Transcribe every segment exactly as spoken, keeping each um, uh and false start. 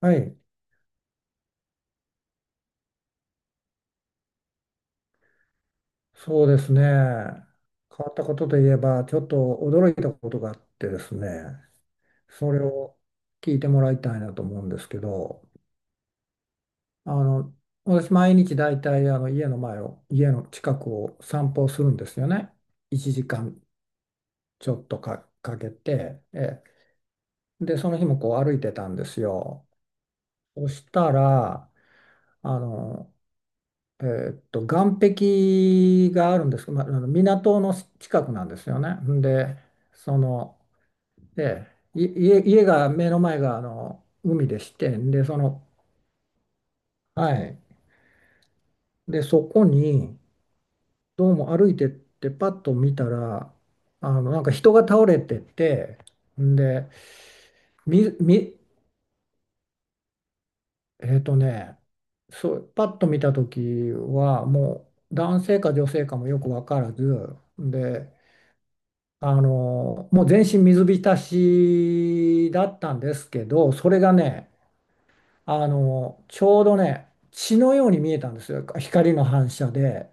はい、そうですね。変わったことといえば、ちょっと驚いたことがあってですね、それを聞いてもらいたいなと思うんですけど、あの、私、毎日だいたいあの家の前を、家の近くを散歩するんですよね。いちじかんちょっとか、かけて、ええ、で、その日もこう歩いてたんですよ。そしたら、あの、えーっと、岸壁があるんですけど、まあ、あの港の近くなんですよね。んで、その、でい家、家が、目の前があの海でして、んで、その、はい。で、そこに、どうも歩いてって、パッと見たら、あの、なんか人が倒れてて、んで、み、み、えーっとね、そう、パッと見た時は、もう、男性か女性かもよくわからず、で、あの、もう全身水浸しだったんですけど、それがね、あの、ちょうどね、血のように見えたんですよ。光の反射で。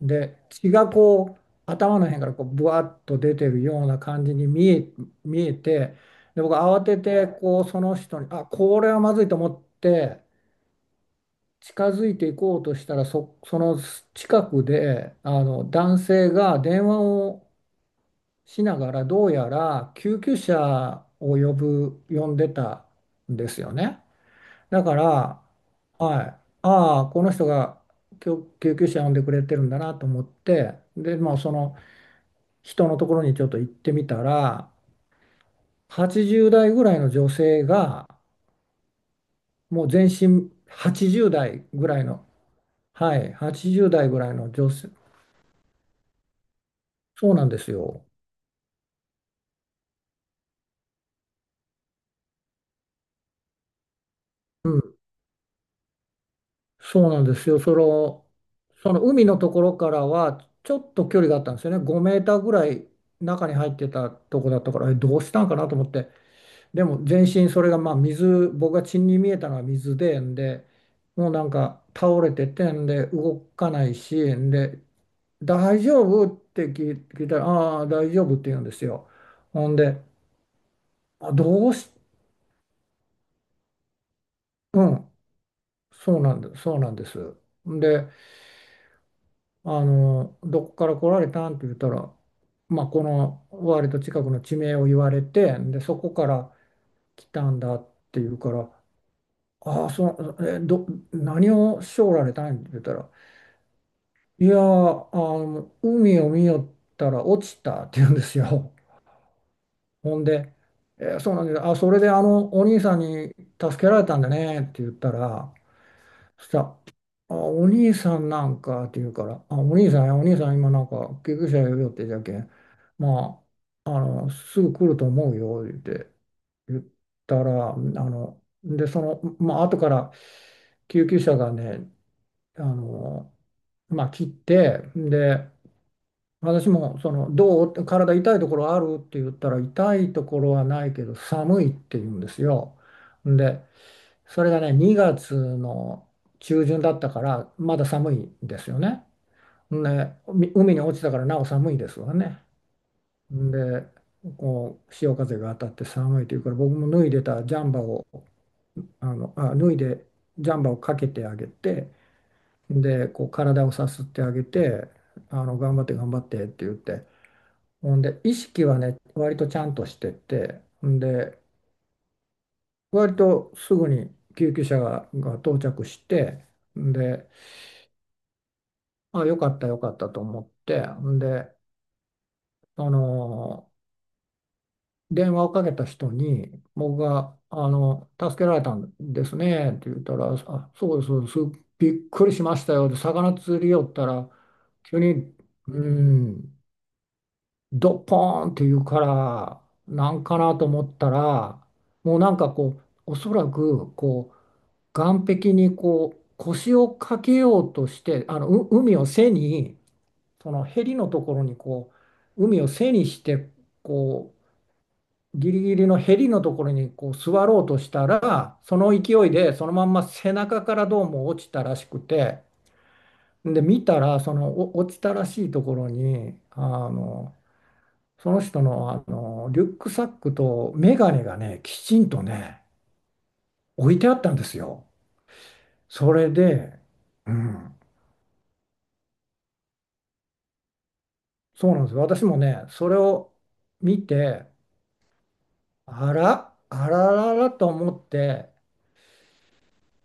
で、血がこう、頭の辺からこう、ぶわっと出てるような感じに見え、見えて、で、僕慌てて、こう、その人に、あ、これはまずいと思って、近づいていこうとしたら、そ、その近くで、あの、男性が電話をしながらどうやら救急車を呼ぶ呼んでたんですよね。だから、はい、ああこの人が救救急車呼んでくれてるんだなと思って、で、まあ、その人のところにちょっと行ってみたら、はちじゅう代ぐらいの女性が、もう全身80代ぐらいの、はい、はちじゅう代ぐらいの女性、そうなんですよ。うん、そうなんですよ。その、その海のところからはちょっと距離があったんですよね。ごメーターぐらい中に入ってたとこだったから、え、どうしたんかなと思って。でも全身それがまあ水、僕が血に見えたのは水で、んで、もうなんか倒れてて、んで動かないし、んで、大丈夫って聞い聞いたら、ああ、大丈夫って言うんですよ。ほんで、あ、どうし、うん、そうなんです、そうなんです。で、あの、どこから来られたんって言ったら、まあ、この割と近くの地名を言われて、で、そこから来たんだって言うから、ああ、その、え、ど、何をしてられたんって言ったら、いやー、あの、海を見よったら落ちたって言うんですよ。ほんで、えーそうなんです。あ、それであのお兄さんに助けられたんだねって言ったら、そしたら、あ、お兄さんなんかって言うから、あ、お兄さんや、お兄さん今なんか救急車呼ぶよってじゃけん、まあ、あの、すぐ来ると思うよって言ったら、あの、で、その、まあ、後から救急車がね、あの、まあ、来て、で、私もその、どう体痛いところあるって言ったら、痛いところはないけど、寒いって言うんですよ。で、それがね、にがつの中旬だったから、まだ寒いんですよね。ね、海海に落ちたからなお寒いですわね。で、こう潮風が当たって寒いというから、僕も脱いでたジャンバーを、あの、あ、脱いでジャンバーをかけてあげて、で、こう体をさすってあげて、あの、頑張って頑張ってって言って、ほんで、意識はね、割とちゃんとしてて、んで、割とすぐに救急車が、が到着して、んで、あ、よかったよかったと思って、んで、あの、電話をかけた人に、僕が、あの、助けられたんですねって言ったら、あ、そうです、そうです、びっくりしましたよ。で、魚釣りよったら、急に、うん、ドッポーンって言うから、なんかなと思ったら、もうなんかこう、おそらく、こう、岸壁にこう、腰をかけようとして、あの、う海を背に、そのヘリのところにこう海を背にしてこうギリギリのヘリのところにこう座ろうとしたら、その勢いでそのまんま背中からどうも落ちたらしくて、で見たらそのお落ちたらしいところに、あのその人の、あのリュックサックとメガネがね、きちんとね、置いてあったんですよ。それで、うん、そうなんですよ。私もねそれを見て、あら、あらららと思って、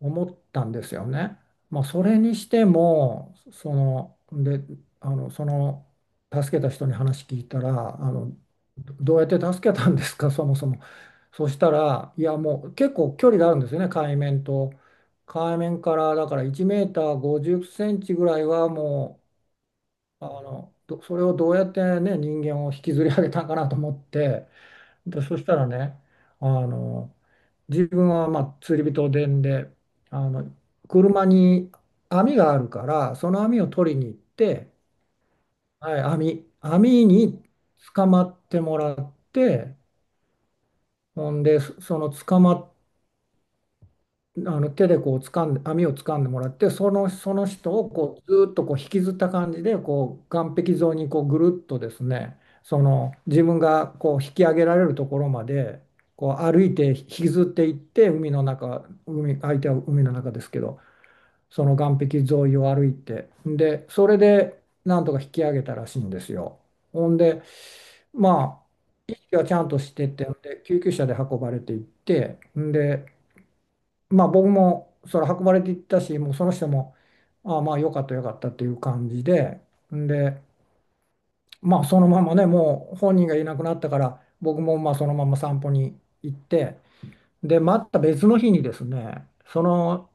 思ったんですよね。まあ、それにしても、その、で、あの、その、助けた人に話聞いたら、あの、どどうやって助けたんですか、そもそも。そしたら、いや、もう結構距離があるんですよね、海面と。海面から、だからいちメーターごじゅっセンチぐらいはもう、あの、どそれをどうやってね、人間を引きずり上げたんかなと思って、で、そしたらね、あの、自分はまあ釣り人で、んで、あの、車に網があるから、その網を取りに行って、はい、網、網に捕まってもらって、ほんで、そその捕まっあの手でこう掴んで、網を掴んでもらって、その、その人をこうずーっとこう引きずった感じでこう岸壁沿いにこうぐるっとですね、その自分がこう引き上げられるところまでこう歩いて引きずっていって、海の中、海相手は海の中ですけど、その岸壁沿いを歩いて、でそれでなんとか引き上げたらしいんですよ。ほんで、まあ意識はちゃんとしてて、で救急車で運ばれていって、でまあ僕もそれ運ばれていったし、もうその人も、ああまあよかったよかったっていう感じで、んで、まあそのままね、もう本人がいなくなったから、僕もまあそのまま散歩に行って、で、また別の日にですね、その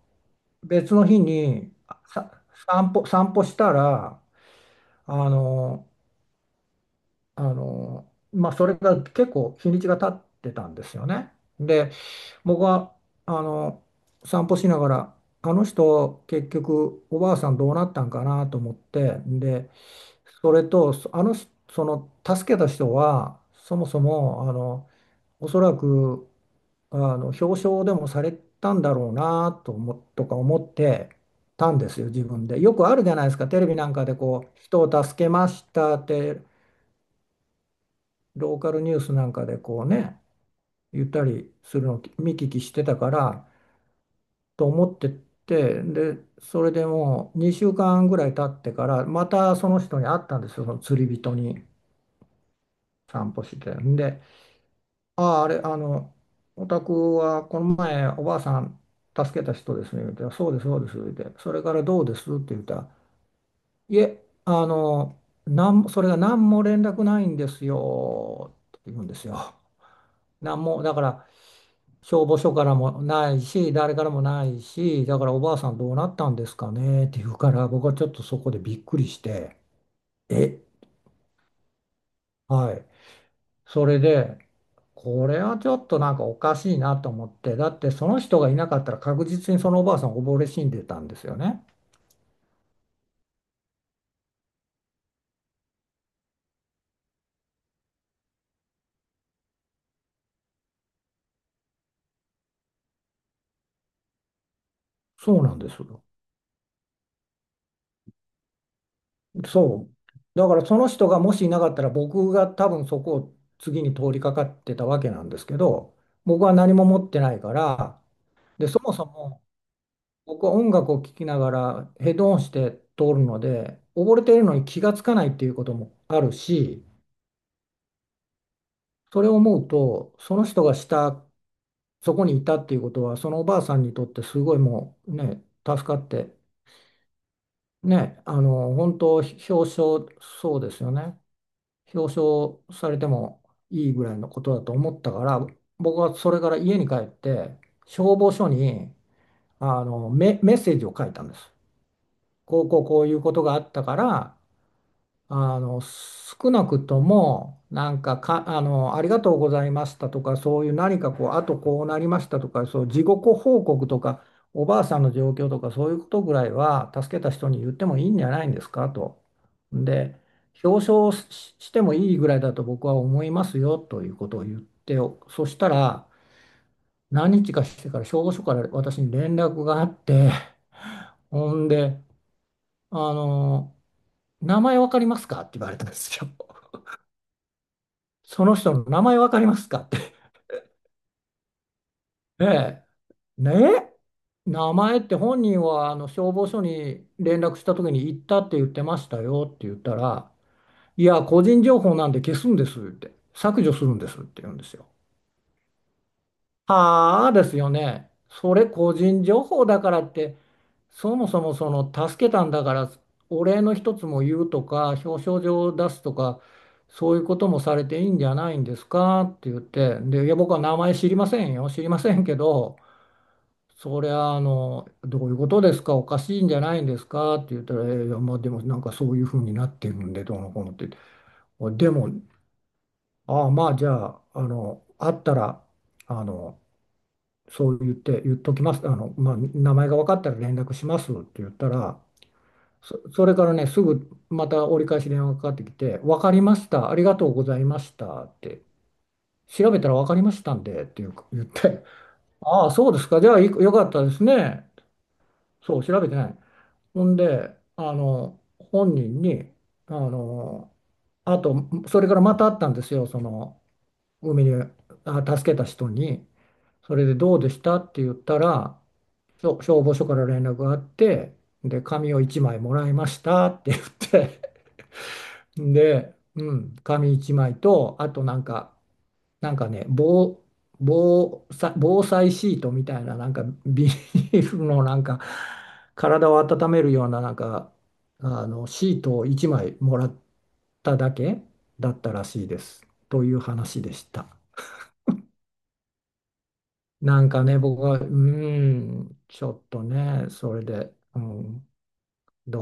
別の日にあさ散歩、散歩したら、あの、あの、まあそれが結構日にちが経ってたんですよね。で、僕はあの散歩しながら、あの人結局おばあさんどうなったんかなと思って、で、それとそあの人、その助けた人はそもそもあのおそらくあの表彰でもされたんだろうなと思とか思ってたんですよ、自分で。よくあるじゃないですか、テレビなんかでこう、人を助けましたってローカルニュースなんかでこうね、言ったりするのを見聞きしてたから。と思ってて、で、それでもうにしゅうかんぐらい経ってから、またその人に会ったんですよ、その釣り人に、散歩して。んで、ああ、あれ、あの、お宅はこの前おばあさん助けた人ですね、言うて、そうです、そうです、言うて、それからどうですって言ったら、いえ、あの、なんも、それが何も連絡ないんですよ、って言うんですよ。なんも、だから、消防署からもないし、誰からもないし、だからおばあさんどうなったんですかねって言うから、僕はちょっとそこでびっくりして、え、はい。それで、これはちょっとなんかおかしいなと思って、だってその人がいなかったら確実にそのおばあさん溺れ死んでたんですよね。そうなんですよ。そう。だからその人がもしいなかったら僕が多分そこを次に通りかかってたわけなんですけど、僕は何も持ってないから、で、そもそも僕は音楽を聴きながらヘッドホンして通るので、溺れているのに気がつかないっていうこともあるし、それを思うと、その人が下そこにいたっていうことは、そのおばあさんにとってすごいもうね、助かって、ね、あの、本当表彰、そうですよね。表彰されてもいいぐらいのことだと思ったから、僕はそれから家に帰って、消防署に、あの、メ、メッセージを書いたんです。こうこうこういうことがあったから、あの少なくともなんか、かあの「ありがとうございました」とかそういう何かこうあとこうなりましたとかそう事後報告とかおばあさんの状況とかそういうことぐらいは助けた人に言ってもいいんじゃないんですかと。で、表彰し、してもいいぐらいだと僕は思いますよということを言ってよ、そしたら何日かしてから消防署から私に連絡があって、ほんであの「名前わかりますか？」って言われたんですよ。その人の名前わかりますかって。ええ。ねえ。名前って本人はあの消防署に連絡した時に行ったって言ってましたよって言ったら、いや、個人情報なんで消すんですって、削除するんですって言うんですよ。ああですよね。それ個人情報だからって、そもそもその助けたんだから、お礼の一つも言うとか、表彰状を出すとか、そういうこともされていいんじゃないんですかって言って、で、いや、僕は名前知りませんよ、知りませんけど、それはあの、どういうことですか、おかしいんじゃないんですかって言ったら、えーいや、まあ、でもなんかそういうふうになってるんで、どうのこうのって言って、でも、ああ、まあ、じゃあ、あの、あったら、あの、そう言って、言っときます。あの、まあ、名前が分かったら連絡しますって言ったら、そ、それからね、すぐまた折り返し電話がかかってきて、分かりました、ありがとうございましたって、調べたら分かりましたんでっていう言って、ああ、そうですか、じゃあいいよかったですね。そう、調べてない。ほんで、あの、本人に、あの、あと、それからまた会ったんですよ、その、海に、あ、助けた人に。それでどうでしたって言ったら、そう消防署から連絡があって、で、紙をいちまいもらいましたって言って で、うん、紙いちまいと、あとなんか、なんかね、防、防災、防災シートみたいな、なんかビニールのなんか、体を温めるような、なんか、あの、シートをいちまいもらっただけだったらしいです。という話でした。なんかね、僕は、うーん、ちょっとね、それで、うん。ど